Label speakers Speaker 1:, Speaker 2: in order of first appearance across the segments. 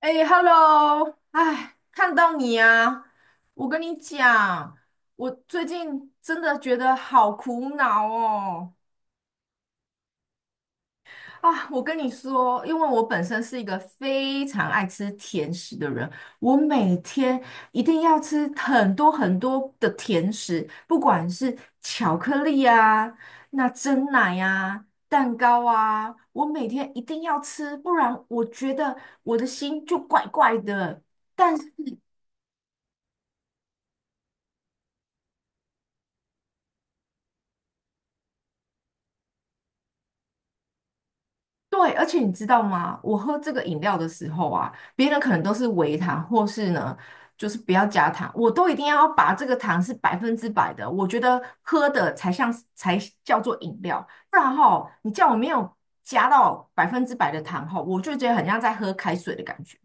Speaker 1: 哎，Hello，哎，看到你啊！我跟你讲，我最近真的觉得好苦恼哦。啊，我跟你说，因为我本身是一个非常爱吃甜食的人，我每天一定要吃很多很多的甜食，不管是巧克力啊、那蒸奶啊、蛋糕啊，我每天一定要吃，不然我觉得我的心就怪怪的。但对，而且你知道吗？我喝这个饮料的时候啊，别人可能都是微糖，或是呢，就是不要加糖，我都一定要把这个糖是百分之百的。我觉得喝的才像是才叫做饮料，不然哈，你叫我没有加到百分之百的糖哈，我就觉得很像在喝开水的感觉。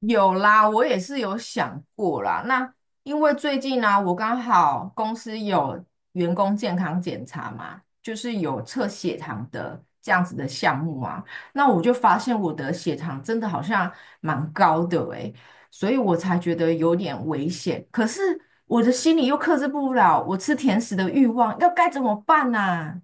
Speaker 1: 有啦，我也是有想过啦。那因为最近呢、我刚好公司有员工健康检查嘛，就是有测血糖的这样子的项目啊。那我就发现我的血糖真的好像蛮高的诶，所以我才觉得有点危险。可是我的心里又克制不了我吃甜食的欲望，要该怎么办呢、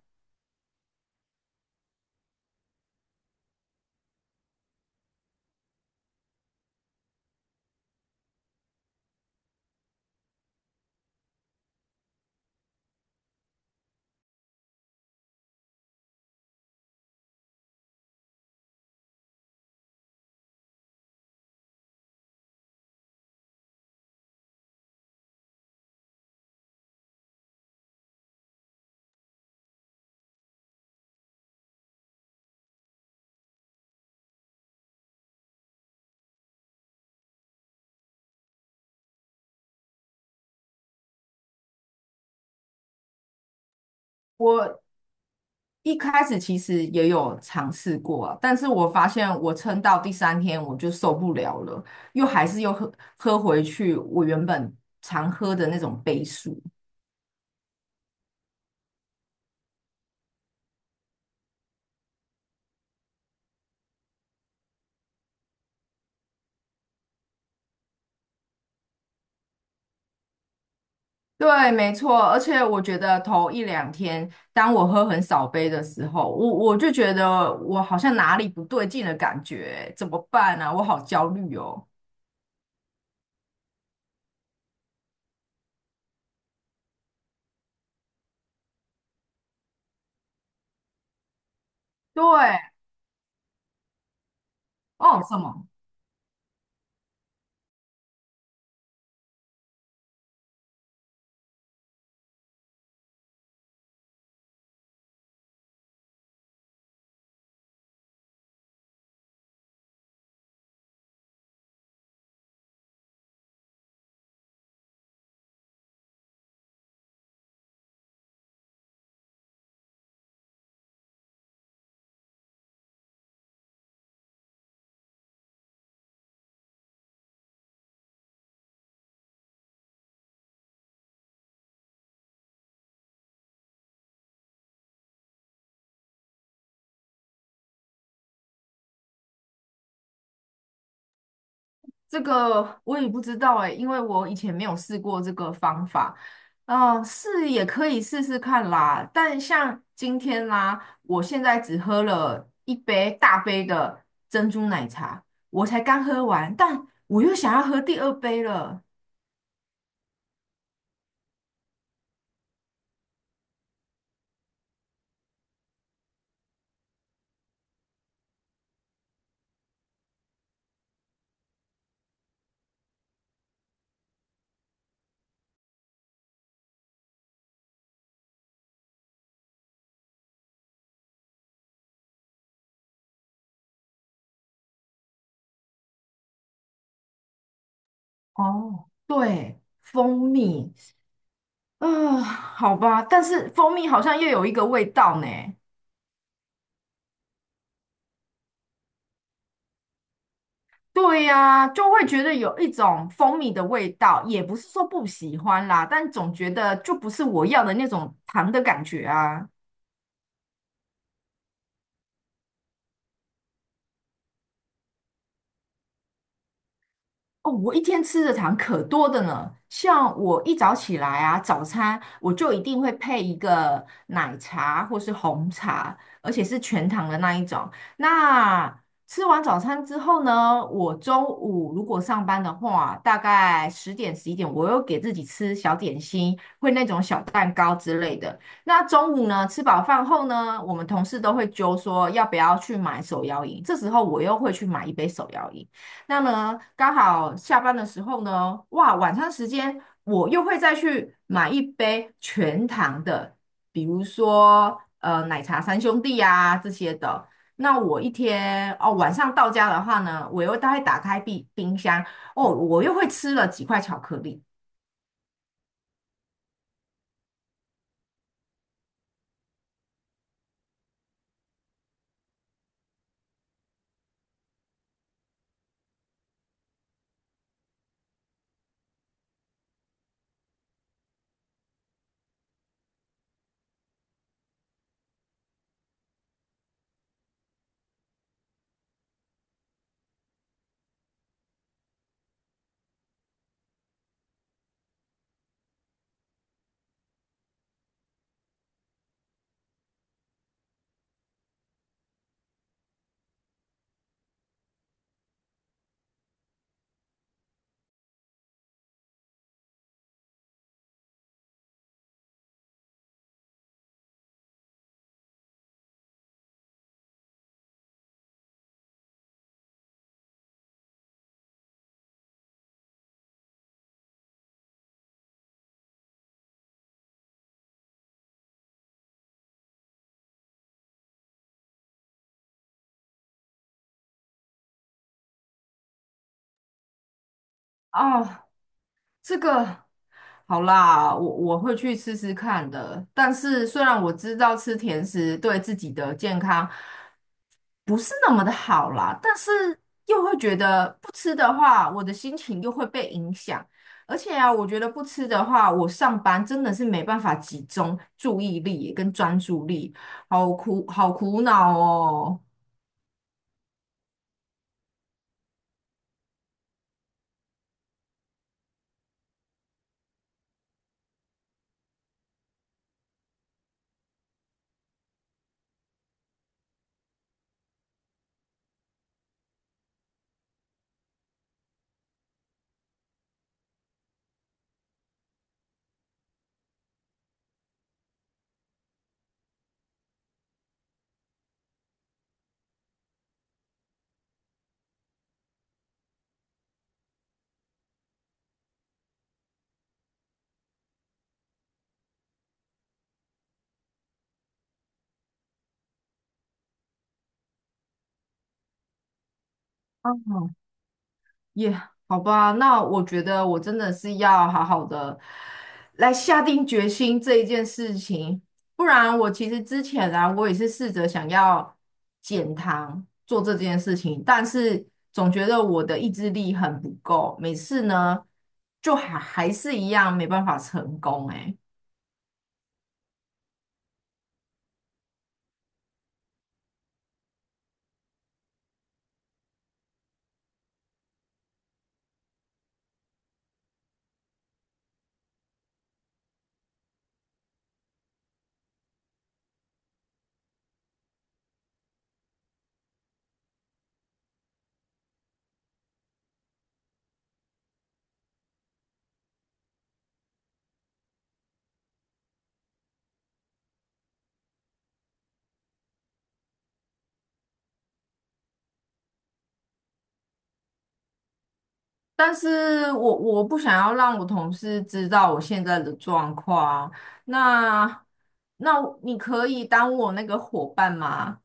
Speaker 1: 我一开始其实也有尝试过啊，但是我发现我撑到第三天我就受不了了，又还是又喝回去我原本常喝的那种杯数。对，没错，而且我觉得头一两天，当我喝很少杯的时候，我就觉得我好像哪里不对劲的感觉，怎么办啊？我好焦虑哦。对，哦，什么？这个我也不知道哎，因为我以前没有试过这个方法。嗯、是也可以试试看啦。但像今天啦、我现在只喝了一杯大杯的珍珠奶茶，我才刚喝完，但我又想要喝第二杯了。哦，对，蜂蜜，啊、好吧，但是蜂蜜好像又有一个味道呢。对呀、就会觉得有一种蜂蜜的味道，也不是说不喜欢啦，但总觉得就不是我要的那种糖的感觉啊。哦，我一天吃的糖可多的呢，像我一早起来啊，早餐我就一定会配一个奶茶或是红茶，而且是全糖的那一种。那吃完早餐之后呢，我中午如果上班的话，大概10点11点，我又给自己吃小点心，会那种小蛋糕之类的。那中午呢，吃饱饭后呢，我们同事都会揪说要不要去买手摇饮，这时候我又会去买一杯手摇饮。那么刚好下班的时候呢，哇，晚餐时间我又会再去买一杯全糖的，比如说奶茶三兄弟啊这些的。那我一天哦，晚上到家的话呢，我又大概打开冰箱哦，我又会吃了几块巧克力哦。这个好啦，我会去试试看的。但是虽然我知道吃甜食对自己的健康不是那么的好啦，但是又会觉得不吃的话，我的心情又会被影响。而且啊，我觉得不吃的话，我上班真的是没办法集中注意力跟专注力，好苦恼哦。嗯耶，好吧，那我觉得我真的是要好好的来下定决心这一件事情，不然我其实之前啊，我也是试着想要减糖做这件事情，但是总觉得我的意志力很不够，每次呢就还是一样没办法成功诶。但是我不想要让我同事知道我现在的状况啊，那那你可以当我那个伙伴吗？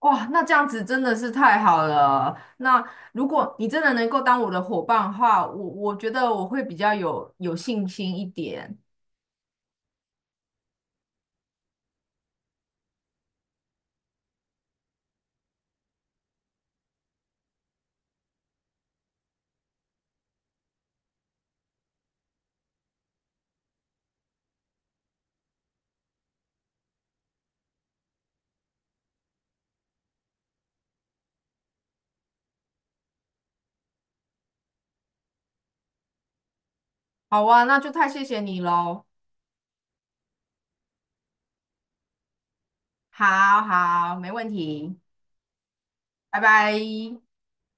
Speaker 1: 哇，那这样子真的是太好了。那如果你真的能够当我的伙伴的话，我觉得我会比较有信心一点。好啊，那就太谢谢你喽。好好，没问题，拜拜。